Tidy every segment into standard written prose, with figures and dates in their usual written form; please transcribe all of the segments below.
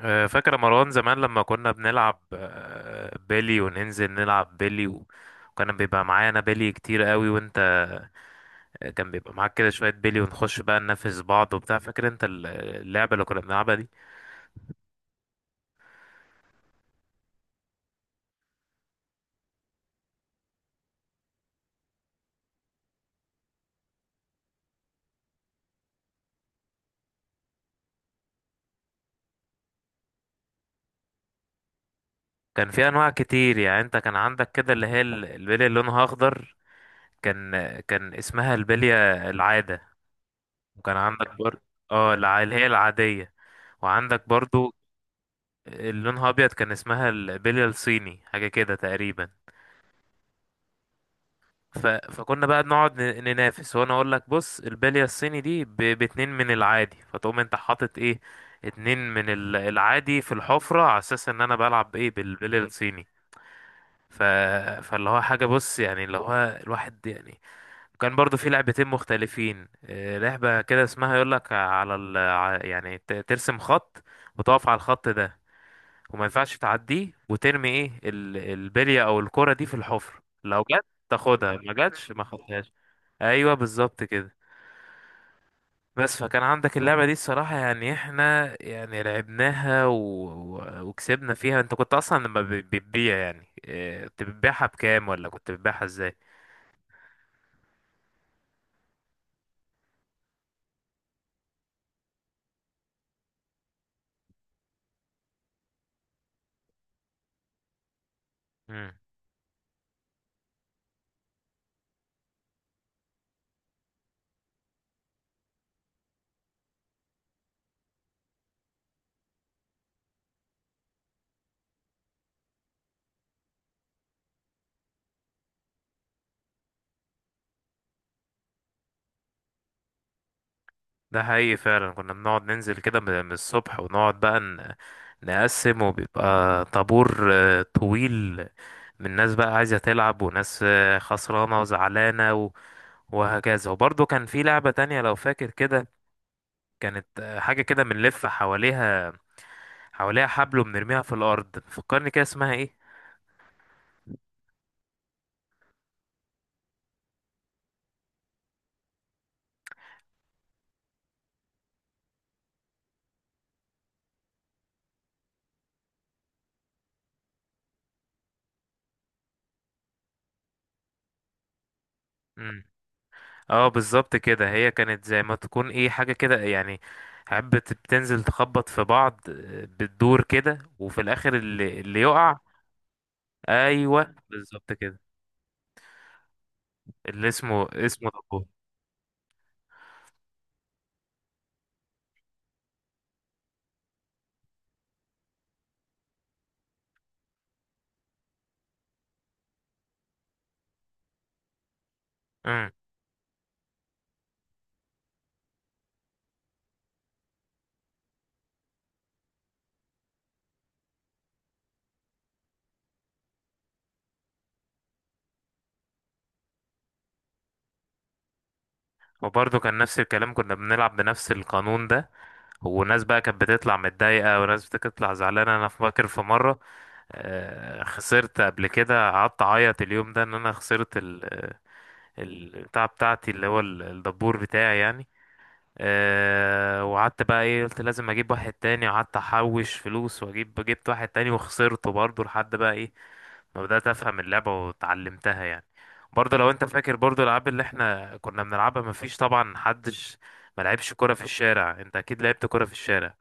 فاكر يا مروان زمان لما كنا بنلعب بيلي وننزل نلعب بيلي و... وكان بيبقى معايا انا بيلي كتير قوي وانت كان بيبقى معاك كده شوية بيلي ونخش بقى ننافس بعض وبتاع فاكر انت اللعبة اللي كنا بنلعبها دي كان في انواع كتير يعني انت كان عندك كده اللي هي البيلي اللي لونها اخضر كان اسمها البلية العادة وكان عندك برضه اه اللي هي العادية وعندك برضو اللي لونها ابيض كان اسمها البلية الصيني حاجة كده تقريبا ف... فكنا بقى بنقعد ننافس وانا اقول لك بص البالية الصيني دي باتنين من العادي فتقوم انت حاطط ايه اتنين من العادي في الحفرة على اساس ان انا بلعب ايه بالبالية الصيني ف... فاللي هو حاجة بص يعني اللي هو الواحد يعني كان برضو في لعبتين مختلفين، لعبة كده اسمها يقول لك على يعني ترسم خط وتقف على الخط ده وما ينفعش تعديه وترمي ايه البلية او الكرة دي في الحفرة لو جت تاخدها ما جاتش ما خدتهاش. ايوه بالظبط كده. بس فكان عندك اللعبه دي الصراحه يعني احنا يعني لعبناها و... و... وكسبنا فيها انت كنت اصلا لما بتبيع يعني إيه، كنت بتبيعها بكام ولا كنت بتبيعها ازاي؟ مم. ده حقيقي فعلا كنا بنقعد ننزل كده من الصبح ونقعد بقى نقسم وبيبقى طابور طويل من ناس بقى عايزه تلعب وناس خسرانه وزعلانه و... وهكذا. وبرضه كان في لعبه تانية لو فاكر كده، كانت حاجه كده بنلف حواليها حواليها حبل وبنرميها في الارض، فكرني كده اسمها ايه؟ امم اه بالظبط كده، هي كانت زي ما تكون ايه حاجه كده يعني حبة بتنزل تخبط في بعض، بتدور كده وفي الاخر اللي يقع. ايوه بالظبط كده، اللي اسمه دبور. امم وبرضه كان نفس الكلام، كنا بنلعب بنفس القانون ده وناس بقى كانت بتطلع متضايقة وناس بتطلع زعلانة. أنا فاكر في مرة خسرت قبل كده قعدت أعيط اليوم ده إن أنا خسرت البتاع بتاعتي اللي هو الدبور بتاعي يعني، أه وقعدت بقى ايه قلت لازم اجيب واحد تاني وقعدت احوش فلوس واجيب جبت واحد تاني وخسرته برضه لحد بقى ايه ما بدأت افهم اللعبة واتعلمتها يعني. برضه لو انت فاكر برضه الالعاب اللي احنا كنا بنلعبها مفيش طبعا محدش ما لعبش كرة في الشارع، انت اكيد لعبت كرة في الشارع.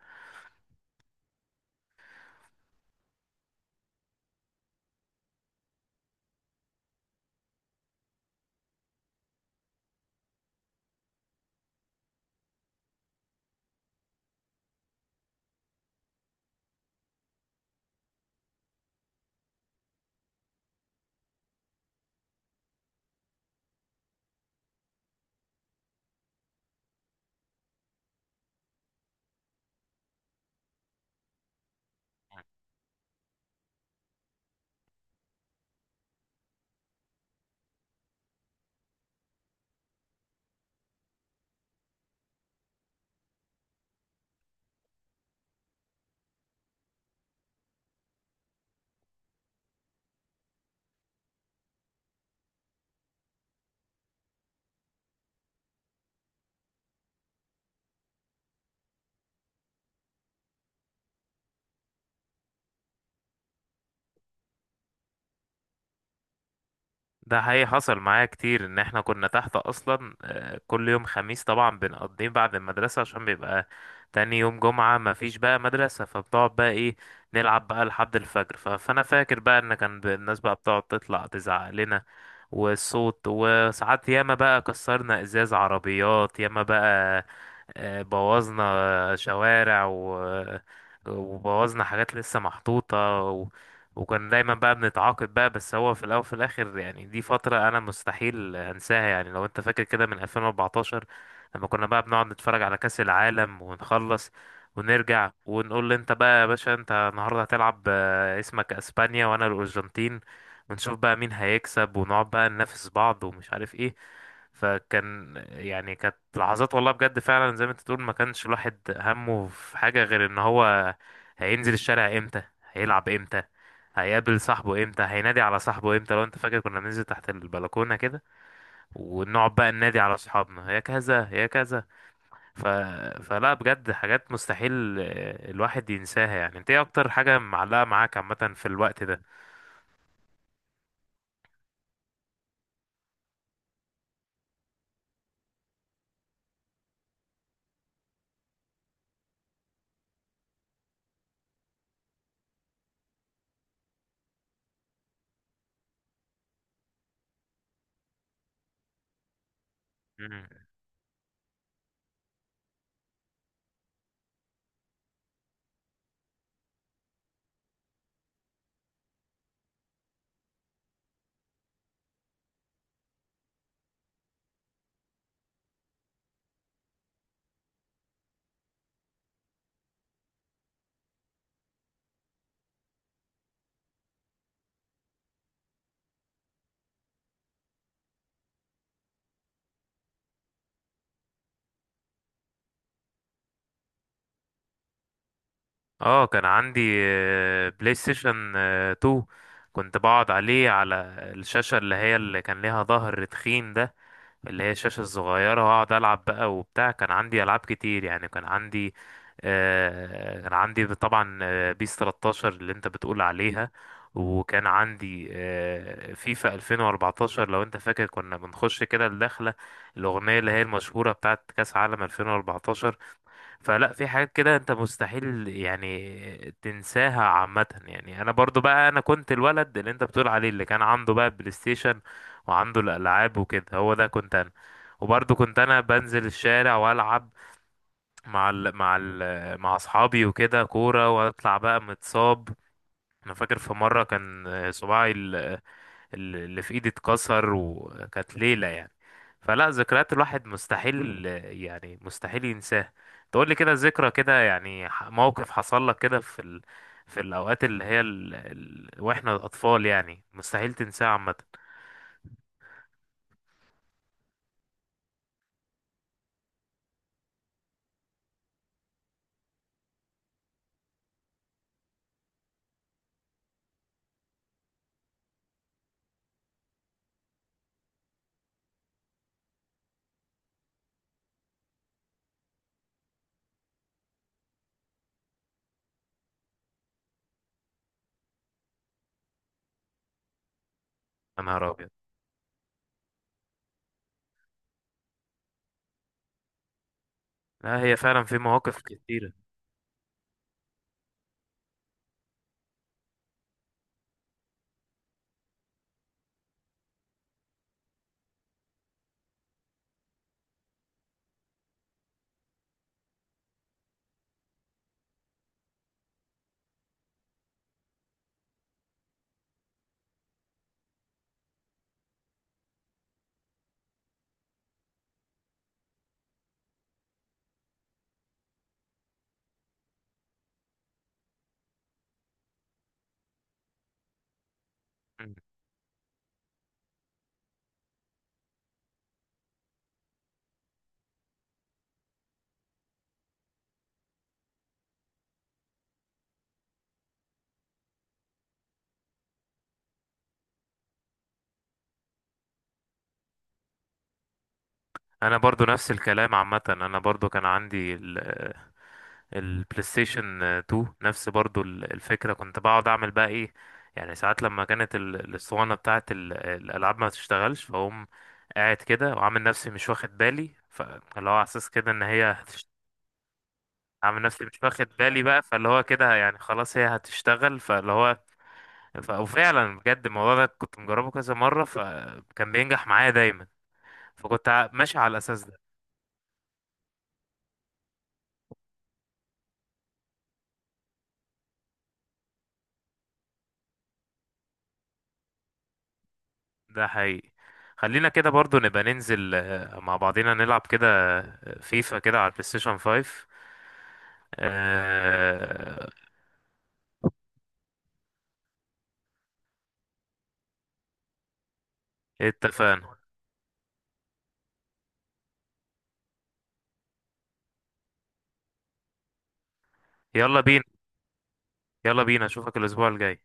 ده حقيقي حصل معايا كتير، ان احنا كنا تحت اصلا، كل يوم خميس طبعا بنقضيه بعد المدرسة عشان بيبقى تاني يوم جمعة مفيش بقى مدرسة، فبتقعد بقى ايه نلعب بقى لحد الفجر. ف- فانا فاكر بقى ان كان الناس بقى بتقعد تطلع تزعق لنا والصوت، وساعات ياما بقى كسرنا ازاز عربيات، ياما بقى بوظنا شوارع و وبوظنا حاجات لسه محطوطة، وكان دايما بقى بنتعاقد بقى بس. هو في الاول وفي الاخر يعني دي فتره انا مستحيل انساها يعني، لو انت فاكر كده من 2014 لما كنا بقى بنقعد نتفرج على كاس العالم ونخلص ونرجع ونقول له انت بقى يا باشا انت النهارده هتلعب، اسمك اسبانيا وانا الارجنتين، ونشوف بقى مين هيكسب ونقعد بقى ننافس بعض ومش عارف ايه. فكان يعني كانت لحظات والله بجد فعلا زي ما انت تقول، ما كانش الواحد همه في حاجة غير ان هو هينزل الشارع امتى، هيلعب امتى، هيقابل صاحبه امتى، هينادي على صاحبه امتى. لو انت فاكر كنا بننزل تحت البلكونة كده ونقعد بقى ننادي على صحابنا يا كذا يا كذا. ف... فلا بجد حاجات مستحيل الواحد ينساها. يعني انت ايه اكتر حاجة معلقة معاك عامة في الوقت ده؟ مم. اه كان عندي، بلاي ستيشن 2، كنت بقعد عليه على الشاشة اللي هي اللي كان ليها ظهر تخين ده، اللي هي الشاشة الصغيرة، وأقعد ألعب بقى وبتاع. كان عندي ألعاب كتير يعني، كان عندي آه كان عندي طبعا، بيس 13 اللي أنت بتقول عليها، وكان عندي آه فيفا 2014 لو أنت فاكر كنا بنخش كده الدخلة الأغنية اللي هي المشهورة بتاعت كأس عالم 2014. فلا في حاجات كده انت مستحيل يعني تنساها عامة. يعني انا برضو بقى انا كنت الولد اللي انت بتقول عليه اللي كان عنده بقى بلاي ستيشن وعنده الالعاب وكده، هو ده كنت انا. وبرضو كنت انا بنزل الشارع والعب مع اصحابي وكده كورة واطلع بقى متصاب. انا فاكر في مرة كان صباعي اللي في ايدي اتكسر وكانت ليلة يعني، فلا ذكريات الواحد مستحيل يعني مستحيل ينساها. تقول لي كده ذكرى كده يعني موقف حصل لك كده في في الأوقات اللي هي واحنا أطفال يعني مستحيل تنساها عامة؟ يا نهار أبيض. لا هي فعلا في مواقف كتيرة. أمم. أنا برضو نفس الكلام عامة، أنا برضو كان عندي البلاي ستيشن 2 نفس برضو الفكرة، كنت بقعد اعمل بقى ايه يعني ساعات لما كانت الاسطوانة بتاعت الالعاب ما تشتغلش، فاقوم قاعد كده وعامل نفسي مش واخد بالي فاللي هو على اساس كده ان هي عامل نفسي مش واخد بالي بقى فاللي هو كده يعني خلاص هي هتشتغل فاللي هو وفعلا بجد الموضوع ده كنت مجربه كذا مرة فكان بينجح معايا دايما، فكنت ماشي على الاساس ده. ده حقيقي. خلينا كده برضو نبقى ننزل مع بعضينا نلعب كده فيفا كده على البلاي ستيشن 5، آه، اتفقنا. يلا بينا، يلا بينا اشوفك الاسبوع الجاي.